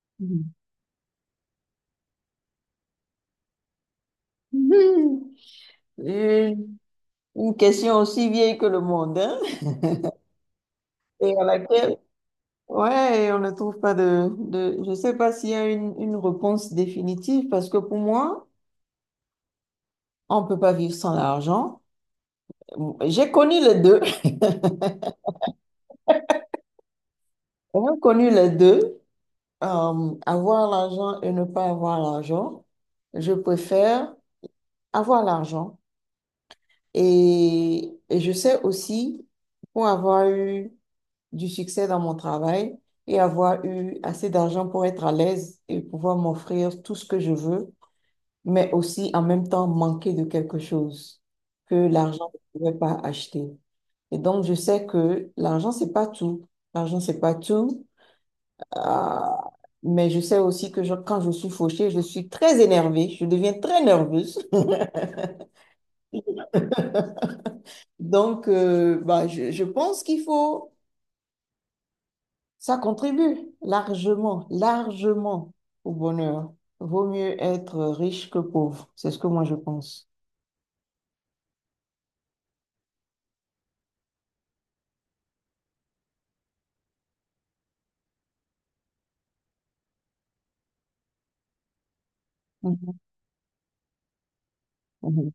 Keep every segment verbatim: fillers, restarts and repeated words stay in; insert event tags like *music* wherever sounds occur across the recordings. *laughs* Mhm. Une une question aussi vieille que le monde, hein, et à laquelle, ouais, et on ne trouve pas de, de je sais pas s'il y a une, une réponse définitive, parce que pour moi, on peut pas vivre sans l'argent. J'ai connu les deux. *laughs* J'ai connu les deux, euh, avoir l'argent et ne pas avoir l'argent, je préfère avoir l'argent. Et, et je sais aussi, pour avoir eu du succès dans mon travail et avoir eu assez d'argent pour être à l'aise et pouvoir m'offrir tout ce que je veux, mais aussi en même temps manquer de quelque chose que l'argent ne pouvait pas acheter. Et donc, je sais que l'argent, c'est pas tout. L'argent, c'est pas tout. Euh, mais je sais aussi que je- quand je suis fauchée, je suis très énervée. Je deviens très nerveuse. *laughs* Donc, euh, bah, je, je pense qu'il faut ça contribue largement, largement au bonheur. Vaut mieux être riche que pauvre. C'est ce que moi je pense. Mhm, mhm,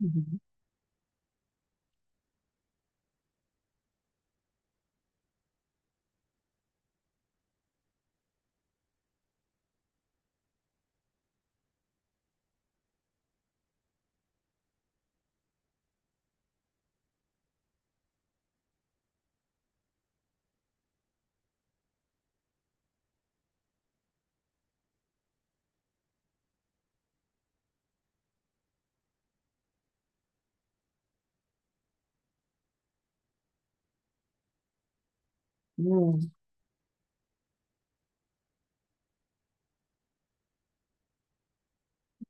mhm, mhm.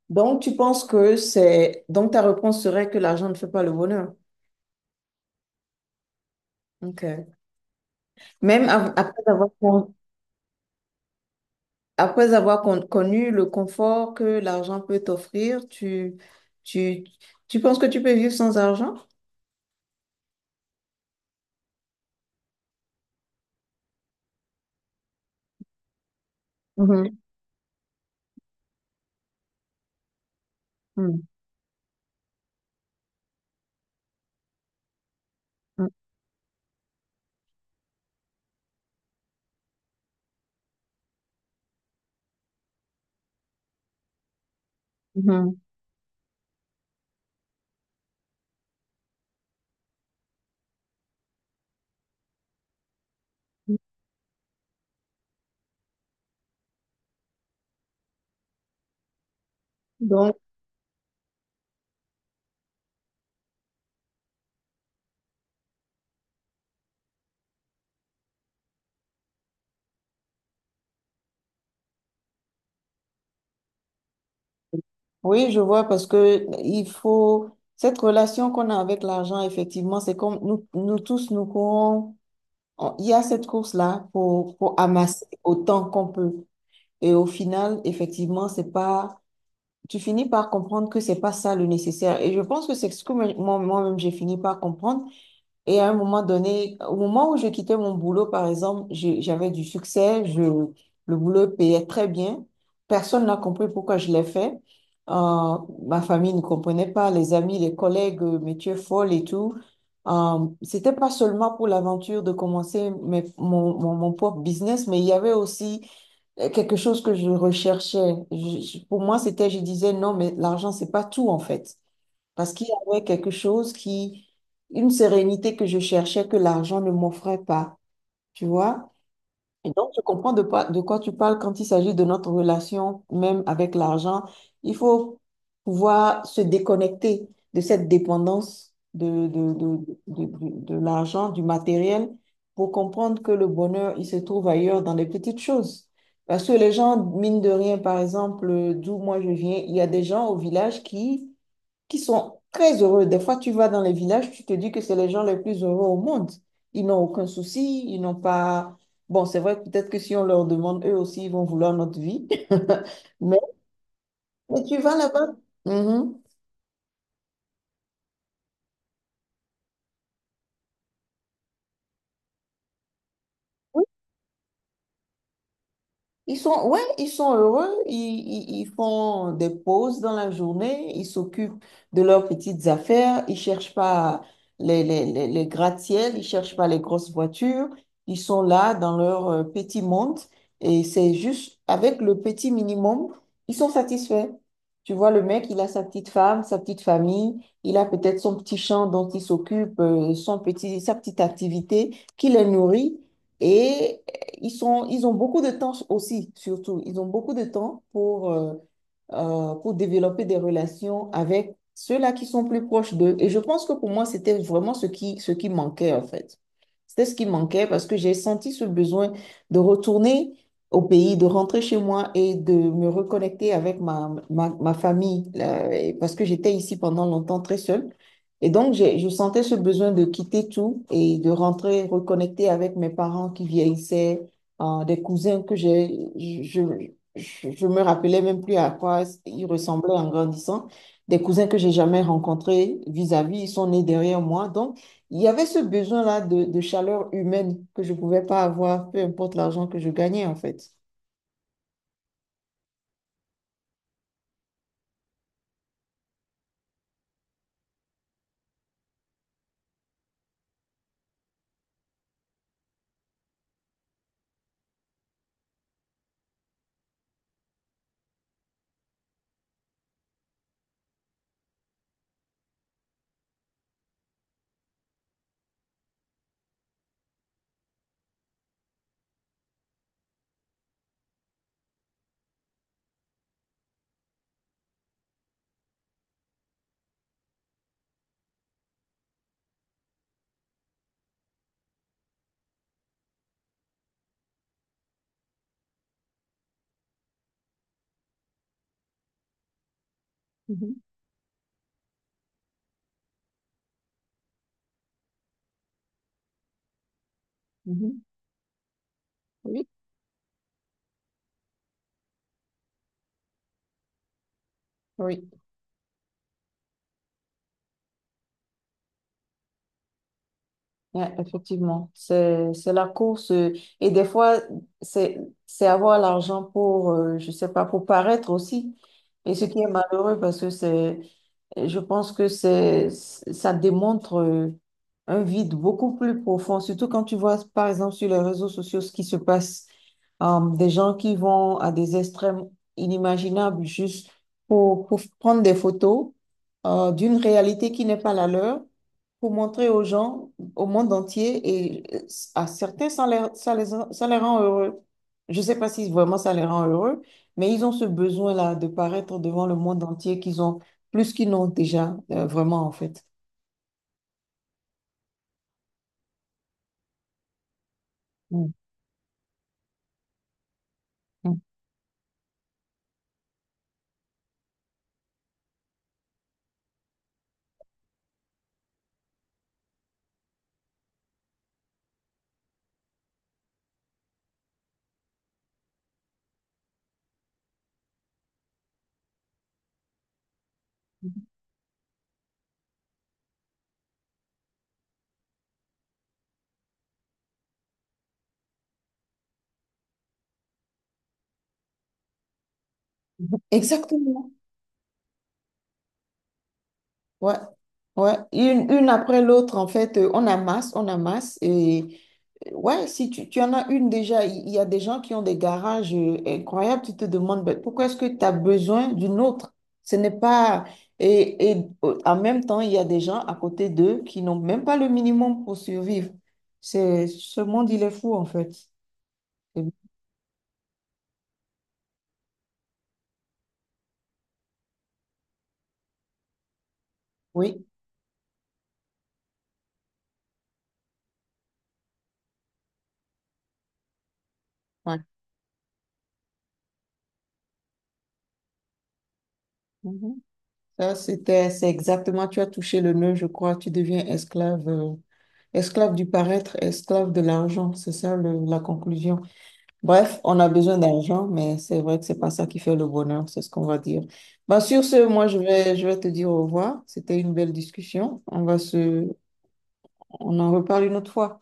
Donc tu penses que c'est... Donc ta réponse serait que l'argent ne fait pas le bonheur. Ok. Même av- après avoir, con- après avoir con- connu le confort que l'argent peut t'offrir, tu, tu, tu penses que tu peux vivre sans argent? Mhm, mhm, mhm, mhm. Donc, oui, je vois parce que il faut cette relation qu'on a avec l'argent, effectivement, c'est comme nous, nous tous, nous courons. On- il y a cette course-là pour, pour amasser autant qu'on peut. Et au final, effectivement, c'est pas, tu finis par comprendre que c'est pas ça le nécessaire. Et je pense que c'est ce que moi- moi- moi-même j'ai fini par comprendre. Et à un moment donné, au moment où je quittais mon boulot, par exemple, j'ai- j'avais du succès, je, le boulot payait très bien. Personne n'a compris pourquoi je l'ai fait. Euh, Ma famille ne comprenait pas, les amis, les collègues, euh, mais tu es folle et tout. Euh, c'était pas seulement pour l'aventure de commencer mes- mon, mon, mon propre business, mais il y avait aussi euh, quelque chose que je recherchais. Je- je- pour moi, c'était, je disais, non, mais l'argent, c'est pas tout, en fait. Parce qu'il y avait quelque chose qui, une sérénité que je cherchais que l'argent ne m'offrait pas, tu vois? Et donc, je comprends de, pas- de quoi tu parles quand il s'agit de notre relation même avec l'argent. Il faut pouvoir se déconnecter de cette dépendance de, de, de, de, de- de l'argent, du matériel, pour comprendre que le bonheur, il se trouve ailleurs dans les petites choses. Parce que les gens, mine de rien, par exemple, d'où moi je viens, il y a des gens au village qui qui sont très heureux. Des fois, tu vas dans les villages, tu te dis que c'est les gens les plus heureux au monde. Ils n'ont aucun souci, ils n'ont pas... Bon, c'est vrai, peut-être que si on leur demande, eux aussi, ils vont vouloir notre vie. *laughs* Mais, mais tu vas là-bas. Mhm. Ils sont, ouais, ils sont heureux, ils, ils- ils font des pauses dans la journée, ils s'occupent de leurs petites affaires, ils cherchent pas les, les, les, les gratte-ciels, ils cherchent pas les grosses voitures, ils sont là dans leur euh, petit monde et c'est juste avec le petit minimum, ils sont satisfaits. Tu vois, le mec, il a sa petite femme, sa petite famille, il a peut-être son petit champ dont il s'occupe, euh, son petit, sa petite activité qui les nourrit. Et ils sont, ils ont beaucoup de temps aussi, surtout. Ils ont beaucoup de temps pour euh, euh, pour développer des relations avec ceux-là qui sont plus proches d'eux. Et je pense que pour moi, c'était vraiment ce qui, ce qui manquait, en fait. C'était ce qui manquait parce que j'ai senti ce besoin de retourner au pays, de rentrer chez moi et de me reconnecter avec ma, ma, ma famille, là, et parce que j'étais ici pendant longtemps très seule. Et donc, j'ai, je sentais ce besoin de quitter tout et de rentrer, reconnecter avec mes parents qui vieillissaient, euh, des cousins que j'ai, je, je, je me rappelais même plus à quoi ils ressemblaient en grandissant. Des cousins que j'ai jamais rencontrés vis-à-vis, ils sont nés derrière moi. Donc, il y avait ce besoin-là de, de chaleur humaine que je ne pouvais pas avoir, peu importe l'argent que je gagnais, en fait. Mhm, mhm. Oui, oui. Ouais, effectivement, c'est c'est la course euh, et des fois c'est c'est avoir l'argent pour euh, je sais pas pour paraître aussi et ce qui est malheureux parce que c'est et je pense que c'est, ça démontre euh, un vide beaucoup plus profond, surtout quand tu vois, par exemple, sur les réseaux sociaux ce qui se passe, euh, des gens qui vont à des extrêmes inimaginables juste pour, pour prendre des photos euh, d'une réalité qui n'est pas la leur, pour montrer aux gens, au monde entier, et euh, à certains, ça les, ça les, ça les rend heureux. Je ne sais pas si vraiment ça les rend heureux, mais ils ont ce besoin-là de paraître devant le monde entier qu'ils ont plus qu'ils n'ont déjà euh, vraiment, en fait. Mm, mm. Exactement. Ouais. Ouais. Une, une après l'autre, en fait, euh, on amasse, on amasse. Et euh, ouais, si tu, tu en as une déjà, il y a des gens qui ont des garages euh, incroyables, tu te demandes ben, pourquoi est-ce que tu as besoin d'une autre? Ce n'est pas. Et, et euh, en même temps, il y a des gens à côté d'eux qui n'ont même pas le minimum pour survivre. C'est, ce monde, il est fou, en fait. Et- Oui. Ouais. Mhm. Ça, c'était, c'est exactement, tu as touché le nœud, je crois, tu deviens esclave, euh, esclave du paraître, esclave de l'argent, c'est ça le- la conclusion. Bref, on a besoin d'argent, mais c'est vrai que c'est pas ça qui fait le bonheur, c'est ce qu'on va dire. Bah, sur ce, moi, je vais, je vais te dire au revoir. C'était une belle discussion. On va se, on en reparle une autre fois.